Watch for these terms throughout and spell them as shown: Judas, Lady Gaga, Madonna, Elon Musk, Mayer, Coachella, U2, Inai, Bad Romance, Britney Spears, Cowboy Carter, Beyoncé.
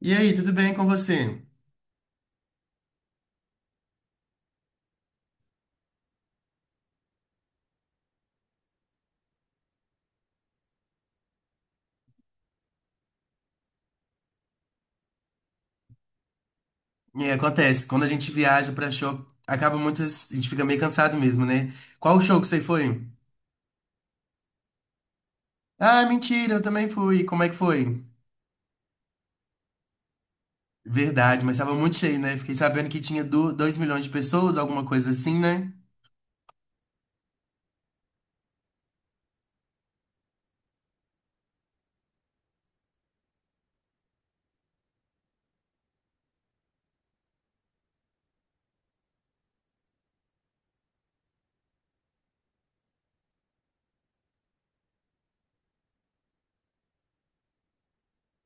E aí, tudo bem com você? E acontece, quando a gente viaja pra show, acaba a gente fica meio cansado mesmo, né? Qual o show que você foi? Ah, mentira, eu também fui. Como é que foi? Verdade, mas tava muito cheio, né? Fiquei sabendo que tinha 2 milhões de pessoas, alguma coisa assim, né?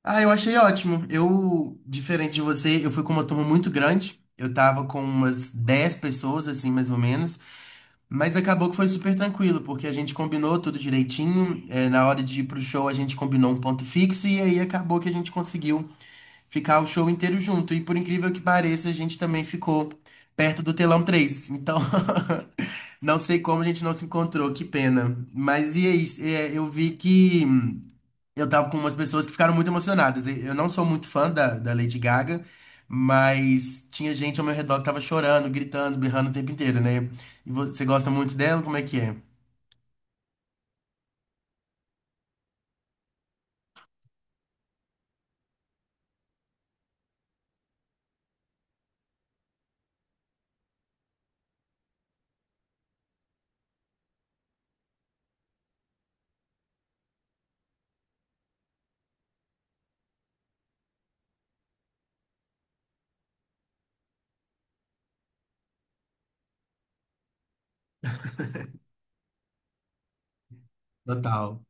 Ah, eu achei ótimo. Eu, diferente de você, eu fui com uma turma muito grande. Eu tava com umas 10 pessoas, assim, mais ou menos. Mas acabou que foi super tranquilo, porque a gente combinou tudo direitinho. Na hora de ir pro show, a gente combinou um ponto fixo e aí acabou que a gente conseguiu ficar o show inteiro junto. E por incrível que pareça, a gente também ficou perto do telão três. Então, não sei como a gente não se encontrou, que pena. Mas e aí, eu vi que. Eu tava com umas pessoas que ficaram muito emocionadas. E eu não sou muito fã da Lady Gaga, mas tinha gente ao meu redor que tava chorando, gritando, berrando o tempo inteiro, né? E você gosta muito dela? Como é que é? Total.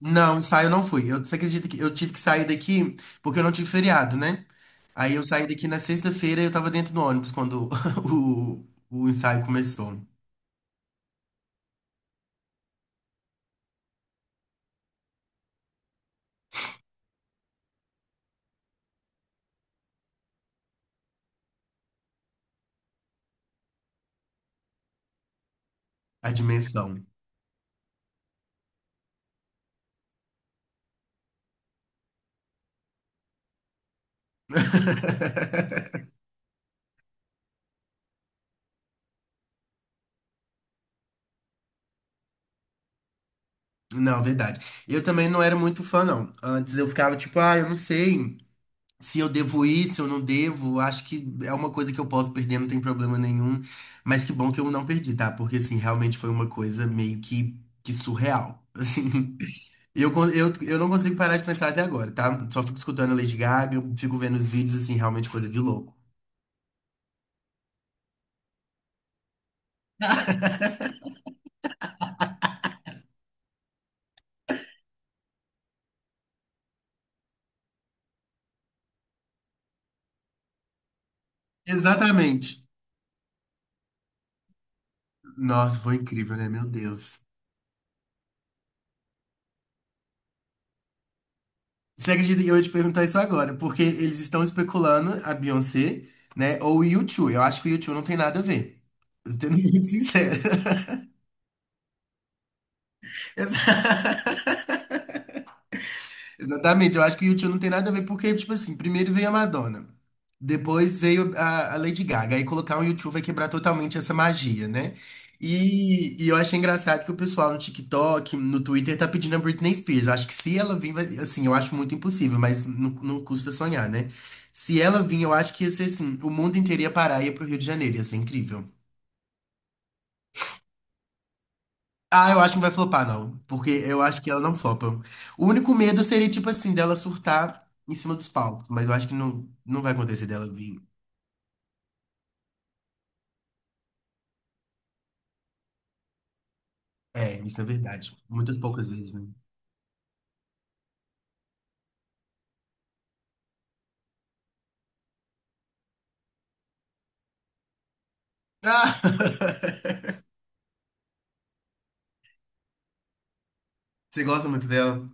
Não, ensaio eu não fui. Eu, você acredita que eu tive que sair daqui porque eu não tive feriado, né? Aí eu saí daqui na sexta-feira e eu tava dentro do ônibus quando o ensaio começou. A dimensão. Não, verdade. Eu também não era muito fã, não. Antes eu ficava tipo, ah, eu não sei se eu devo ir, se eu não devo. Acho que é uma coisa que eu posso perder, não tem problema nenhum. Mas que bom que eu não perdi, tá? Porque, assim, realmente foi uma coisa meio que surreal. Assim, eu não consigo parar de pensar até agora, tá? Só fico escutando a Lady Gaga, fico vendo os vídeos, assim, realmente coisa de louco. Exatamente. Nossa, foi incrível, né? Meu Deus. Você acredita que eu ia te perguntar isso agora? Porque eles estão especulando a Beyoncé, né? Ou o U2. Eu acho que o U2 não tem nada a ver. Sendo muito sincero. Exatamente, eu acho que o U2 não tem nada a ver, porque, tipo assim, primeiro veio a Madonna, depois veio a Lady Gaga, aí colocar um U2 vai quebrar totalmente essa magia, né? E eu achei engraçado que o pessoal no TikTok, no Twitter, tá pedindo a Britney Spears. Acho que se ela vir, vai, assim, eu acho muito impossível, mas não, não custa sonhar, né? Se ela vir, eu acho que ia ser assim, o mundo inteiro ia parar e ia pro Rio de Janeiro, ia ser incrível. Ah, eu acho que não vai flopar, não. Porque eu acho que ela não flopa. O único medo seria, tipo assim, dela surtar em cima dos palcos. Mas eu acho que não, não vai acontecer dela vir. É, isso é verdade. Muitas poucas vezes, né? Ah! Você gosta muito dela?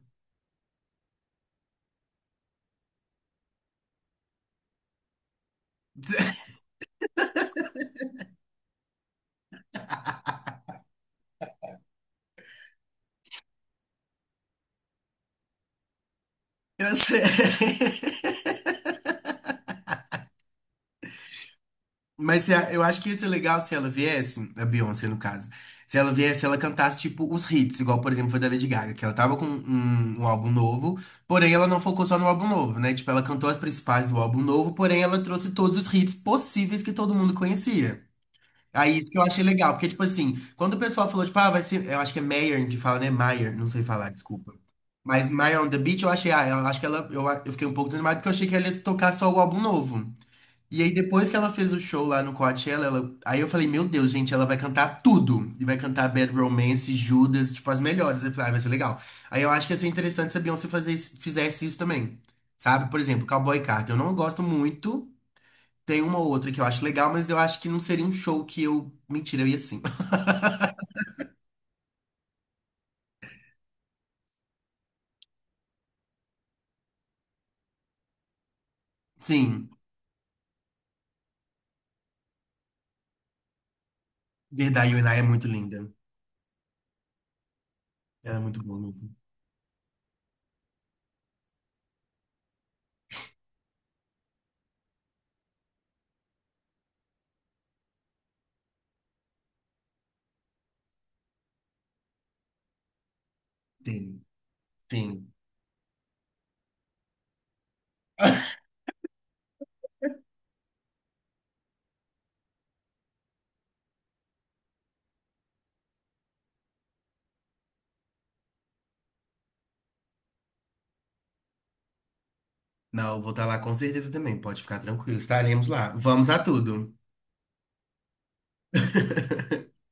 Eu sei. Mas se a- eu acho que ia ser legal se ela viesse, a Beyoncé no caso, se ela viesse, ela cantasse tipo os hits, igual por exemplo foi da Lady Gaga, que ela tava com um álbum novo, porém ela não focou só no álbum novo, né? Tipo, ela cantou as principais do álbum novo, porém ela trouxe todos os hits possíveis que todo mundo conhecia. Aí isso que eu achei legal, porque tipo assim, quando o pessoal falou, tipo, ah, vai ser, eu acho que é Mayer que fala, né? Mayer, não sei falar, desculpa. Mas Mayer on the Beach, eu achei, ah, eu acho que eu fiquei um pouco desanimado porque eu achei que ela ia tocar só o álbum novo. E aí, depois que ela fez o show lá no Coachella, aí eu falei, meu Deus, gente, ela vai cantar tudo. E vai cantar Bad Romance, Judas, tipo, as melhores. Eu falei, ah, vai ser legal. Aí eu acho que ia ser interessante se a Beyoncé fizesse isso também. Sabe? Por exemplo, Cowboy Carter. Eu não gosto muito. Tem uma ou outra que eu acho legal, mas eu acho que não seria um show que eu. Mentira, eu ia sim. Sim, verdade, a Inai é muito linda. Ela é muito boa mesmo. Tem sim. Não, eu vou estar lá com certeza também. Pode ficar tranquilo, estaremos lá. Vamos a tudo.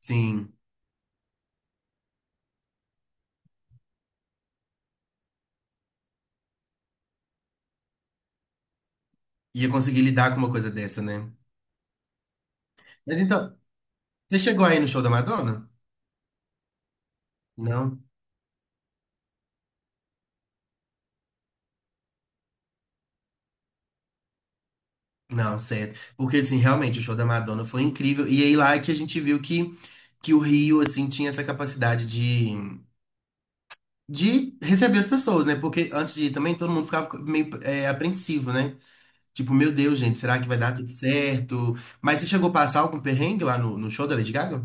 Sim, ia conseguir lidar com uma coisa dessa, né? Mas então, você chegou aí no show da Madonna? Não? Não, certo. Porque, assim, realmente, o show da Madonna foi incrível. E aí lá é que a gente viu que o Rio, assim, tinha essa capacidade de receber as pessoas, né? Porque antes de ir também, todo mundo ficava meio apreensivo, né? Tipo, meu Deus, gente, será que vai dar tudo certo? Mas você chegou a passar algum perrengue lá no show da Lady Gaga?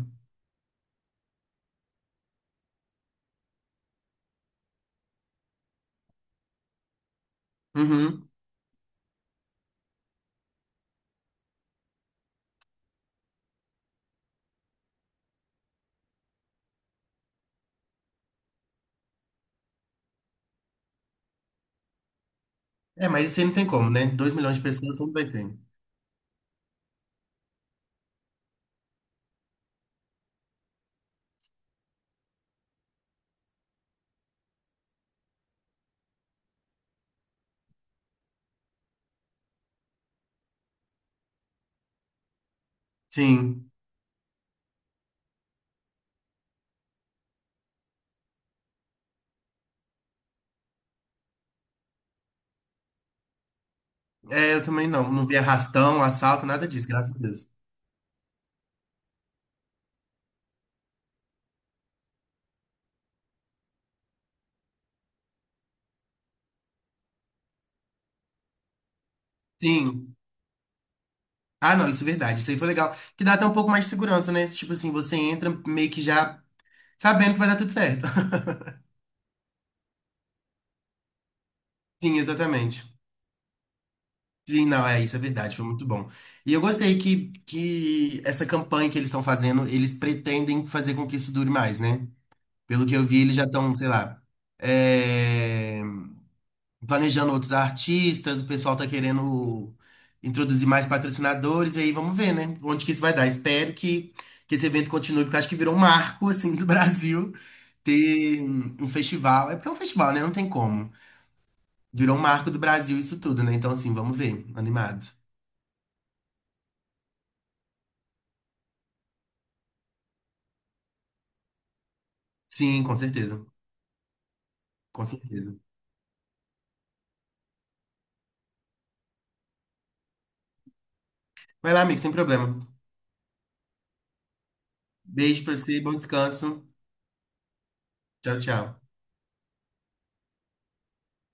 Uhum. É, mas isso aí não tem como, né? Dois milhões de pessoas, sempre vai ter. Sim. É, eu também não. Não vi arrastão, assalto, nada disso, graças a Deus. Sim. Ah, não, isso é verdade. Isso aí foi legal. Que dá até um pouco mais de segurança, né? Tipo assim, você entra meio que já sabendo que vai dar tudo certo. Sim, exatamente. Sim, não, é isso, é verdade, foi muito bom. E eu gostei que essa campanha que eles estão fazendo, eles pretendem fazer com que isso dure mais, né? Pelo que eu vi, eles já estão, sei lá, é, planejando outros artistas, o pessoal tá querendo introduzir mais patrocinadores, e aí vamos ver, né? Onde que isso vai dar. Espero que esse evento continue, porque eu acho que virou um marco, assim, do Brasil ter um festival. É porque é um festival, né? Não tem como. Virou um marco do Brasil isso tudo, né? Então, assim, vamos ver. Animado. Sim, com certeza. Com certeza. Vai lá, amigo, sem problema. Beijo pra você, bom descanso. Tchau, tchau.